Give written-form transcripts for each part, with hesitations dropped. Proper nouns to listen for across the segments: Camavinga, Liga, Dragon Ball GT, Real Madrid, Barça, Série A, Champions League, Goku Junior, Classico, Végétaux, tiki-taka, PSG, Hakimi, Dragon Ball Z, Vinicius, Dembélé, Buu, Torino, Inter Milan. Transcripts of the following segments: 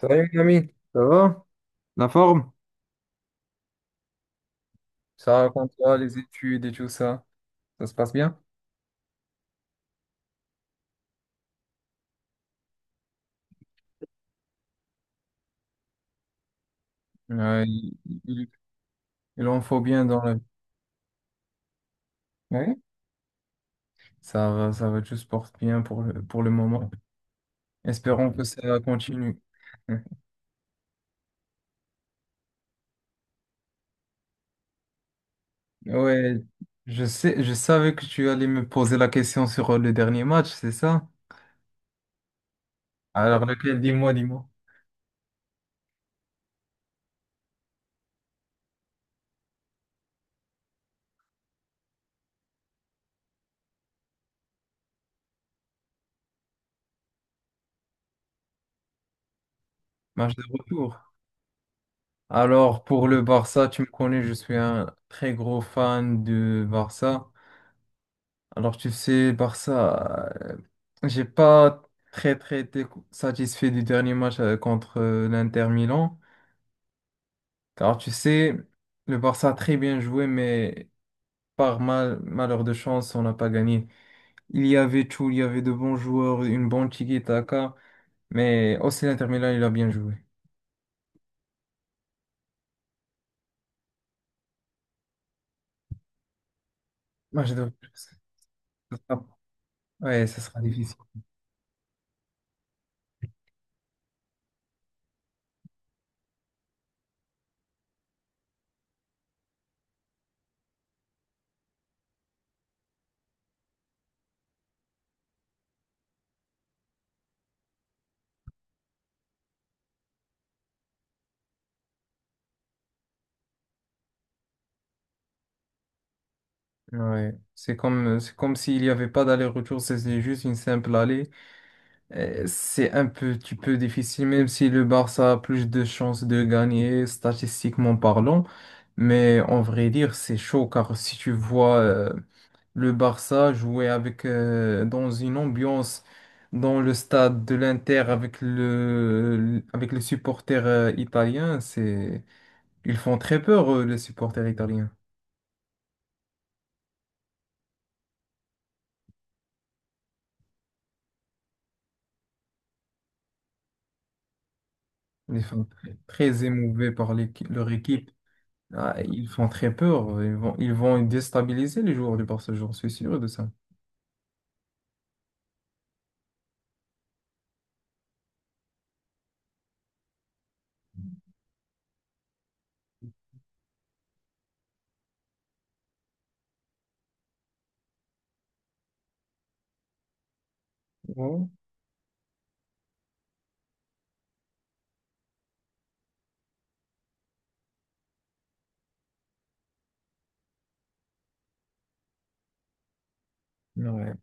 Salut mon ami, ça va? La forme? Ça raconte quoi? Les études et tout ça, ça se passe bien? Ouais, il- il en faut bien dans la vie. Ouais. Ça va, tout se porte bien pour pour le moment. Espérons que ça continue. Ouais, je savais que tu allais me poser la question sur le dernier match, c'est ça? Alors lequel? Dis-moi, dis-moi. Match de retour. Alors pour le Barça, tu me connais, je suis un très gros fan de Barça. Alors, tu sais, Barça, j'ai pas très très été satisfait du dernier match contre l'Inter Milan. Car tu sais, le Barça a très bien joué, mais par mal, malheur de chance, on n'a pas gagné. Il y avait tout, il y avait de bons joueurs, une bonne tiki-taka, mais aussi l'Inter Milan, il a bien joué. Moi, je dois- ça sera- Ouais, ça sera difficile. Ouais. C'est comme s'il n'y avait pas d'aller-retour, c'est juste une simple allée. C'est un petit peu difficile, même si le Barça a plus de chances de gagner, statistiquement parlant. Mais en vrai dire, c'est chaud, car si tu vois le Barça jouer avec, dans une ambiance dans le stade de l'Inter avec avec les supporters italiens, c'est, ils font très peur, les supporters italiens. Ils sont très très émouvés par leur équipe. Ah, ils font très peur. Ils vont déstabiliser les joueurs du Barça, j'en suis sûr de ça. Ouais. Ouais.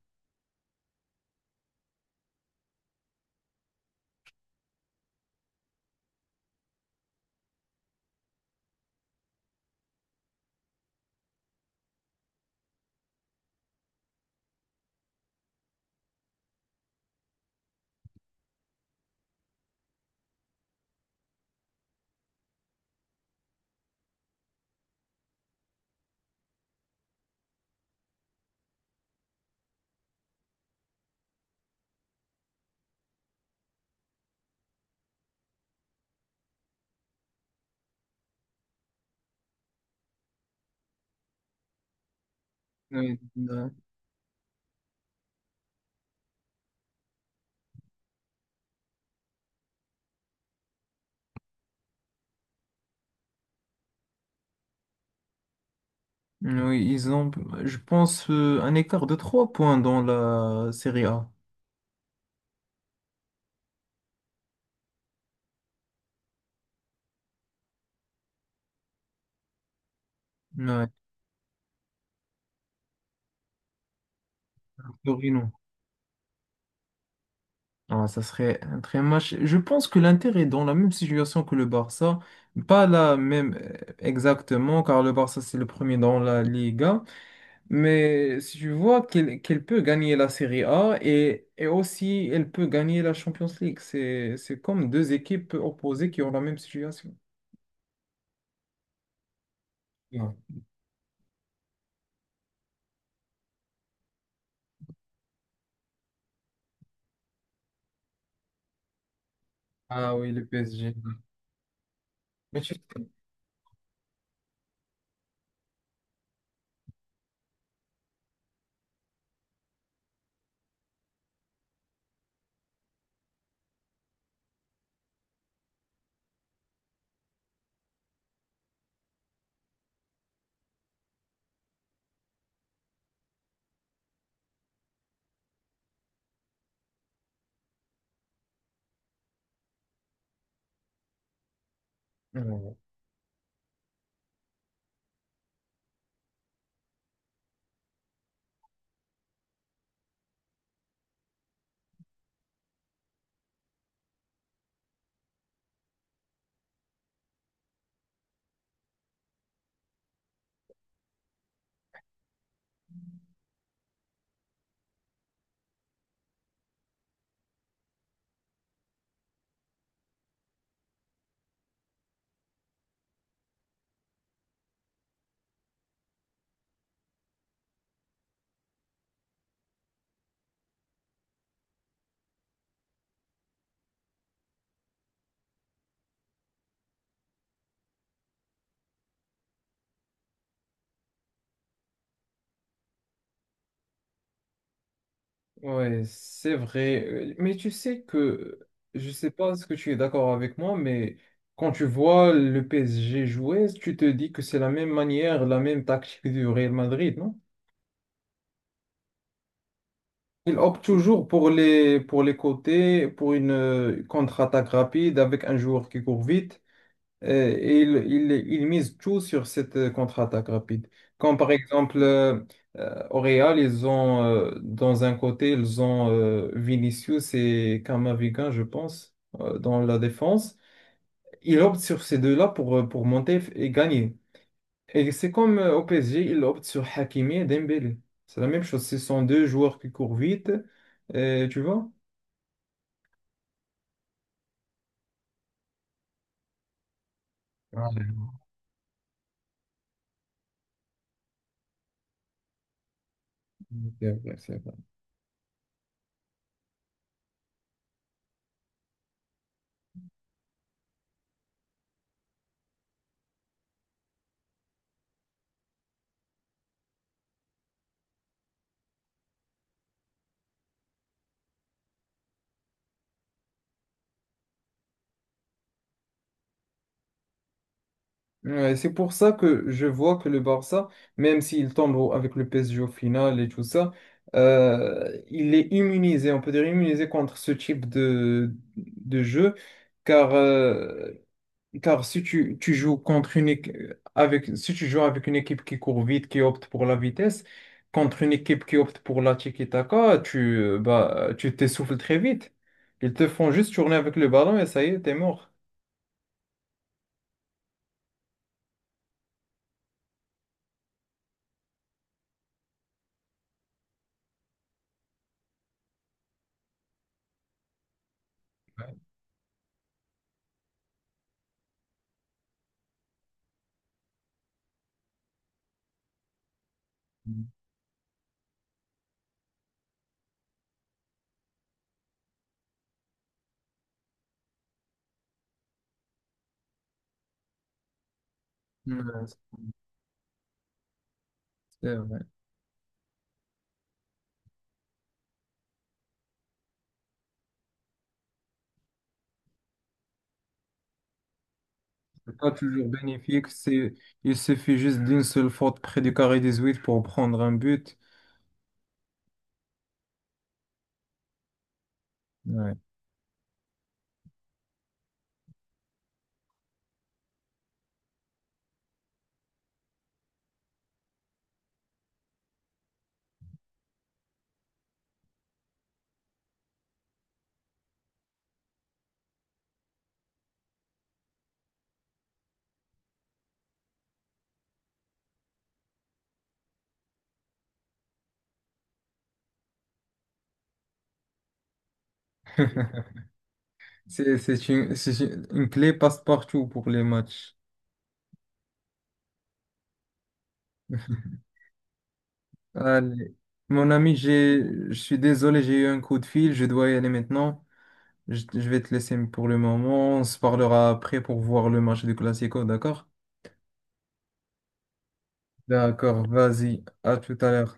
Oui, ouais. Oui, je pense, un écart de 3 points dans la Série A. Ouais, Torino. Ah, ça serait un très match. Je pense que l'Inter est dans la même situation que le Barça. Pas la même exactement, car le Barça, c'est le premier dans la Liga. Mais si tu vois qu'elle peut gagner la Serie A et aussi elle peut gagner la Champions League, c'est comme deux équipes opposées qui ont la même situation. Non. Ah oui, le PSG. Ouais, ouais, c'est vrai. Mais tu sais que, je sais pas ce que tu es d'accord avec moi, mais quand tu vois le PSG jouer, tu te dis que c'est la même manière, la même tactique du Real Madrid, non? Il opte toujours pour pour les côtés, pour une contre-attaque rapide avec un joueur qui court vite. euh, Et il mise tout sur cette contre-attaque rapide. Comme par exemple, au Real, dans un côté, ils ont Vinicius et Camavinga, je pense, dans la défense. Il opte sur ces deux-là pour monter et gagner. Et c'est comme au PSG, ils optent sur Hakimi et Dembélé. C'est la même chose. Ce sont deux joueurs qui courent vite, tu vois? Ah, c'est vrai, c'est vrai. Ouais, c'est pour ça que je vois que le Barça, même s'il tombe avec le PSG au final et tout ça, il est immunisé, on peut dire immunisé contre ce type de jeu, car car si tu joues contre une avec si tu joues avec une équipe qui court vite, qui opte pour la vitesse, contre une équipe qui opte pour la tiki-taka, tu bah tu t'essouffles très vite. Ils te font juste tourner avec le ballon et ça y est, t'es mort. Ouais, c'est vrai. C'est pas toujours bénéfique. Il suffit juste d'une seule faute près du carré huit pour prendre un but. Ouais. C'est une clé passe-partout pour les matchs. Allez. Mon ami, je suis désolé, j'ai eu un coup de fil, je dois y aller maintenant. Je vais te laisser pour le moment. On se parlera après pour voir le match du Classico, d'accord? D'accord, vas-y, à tout à l'heure.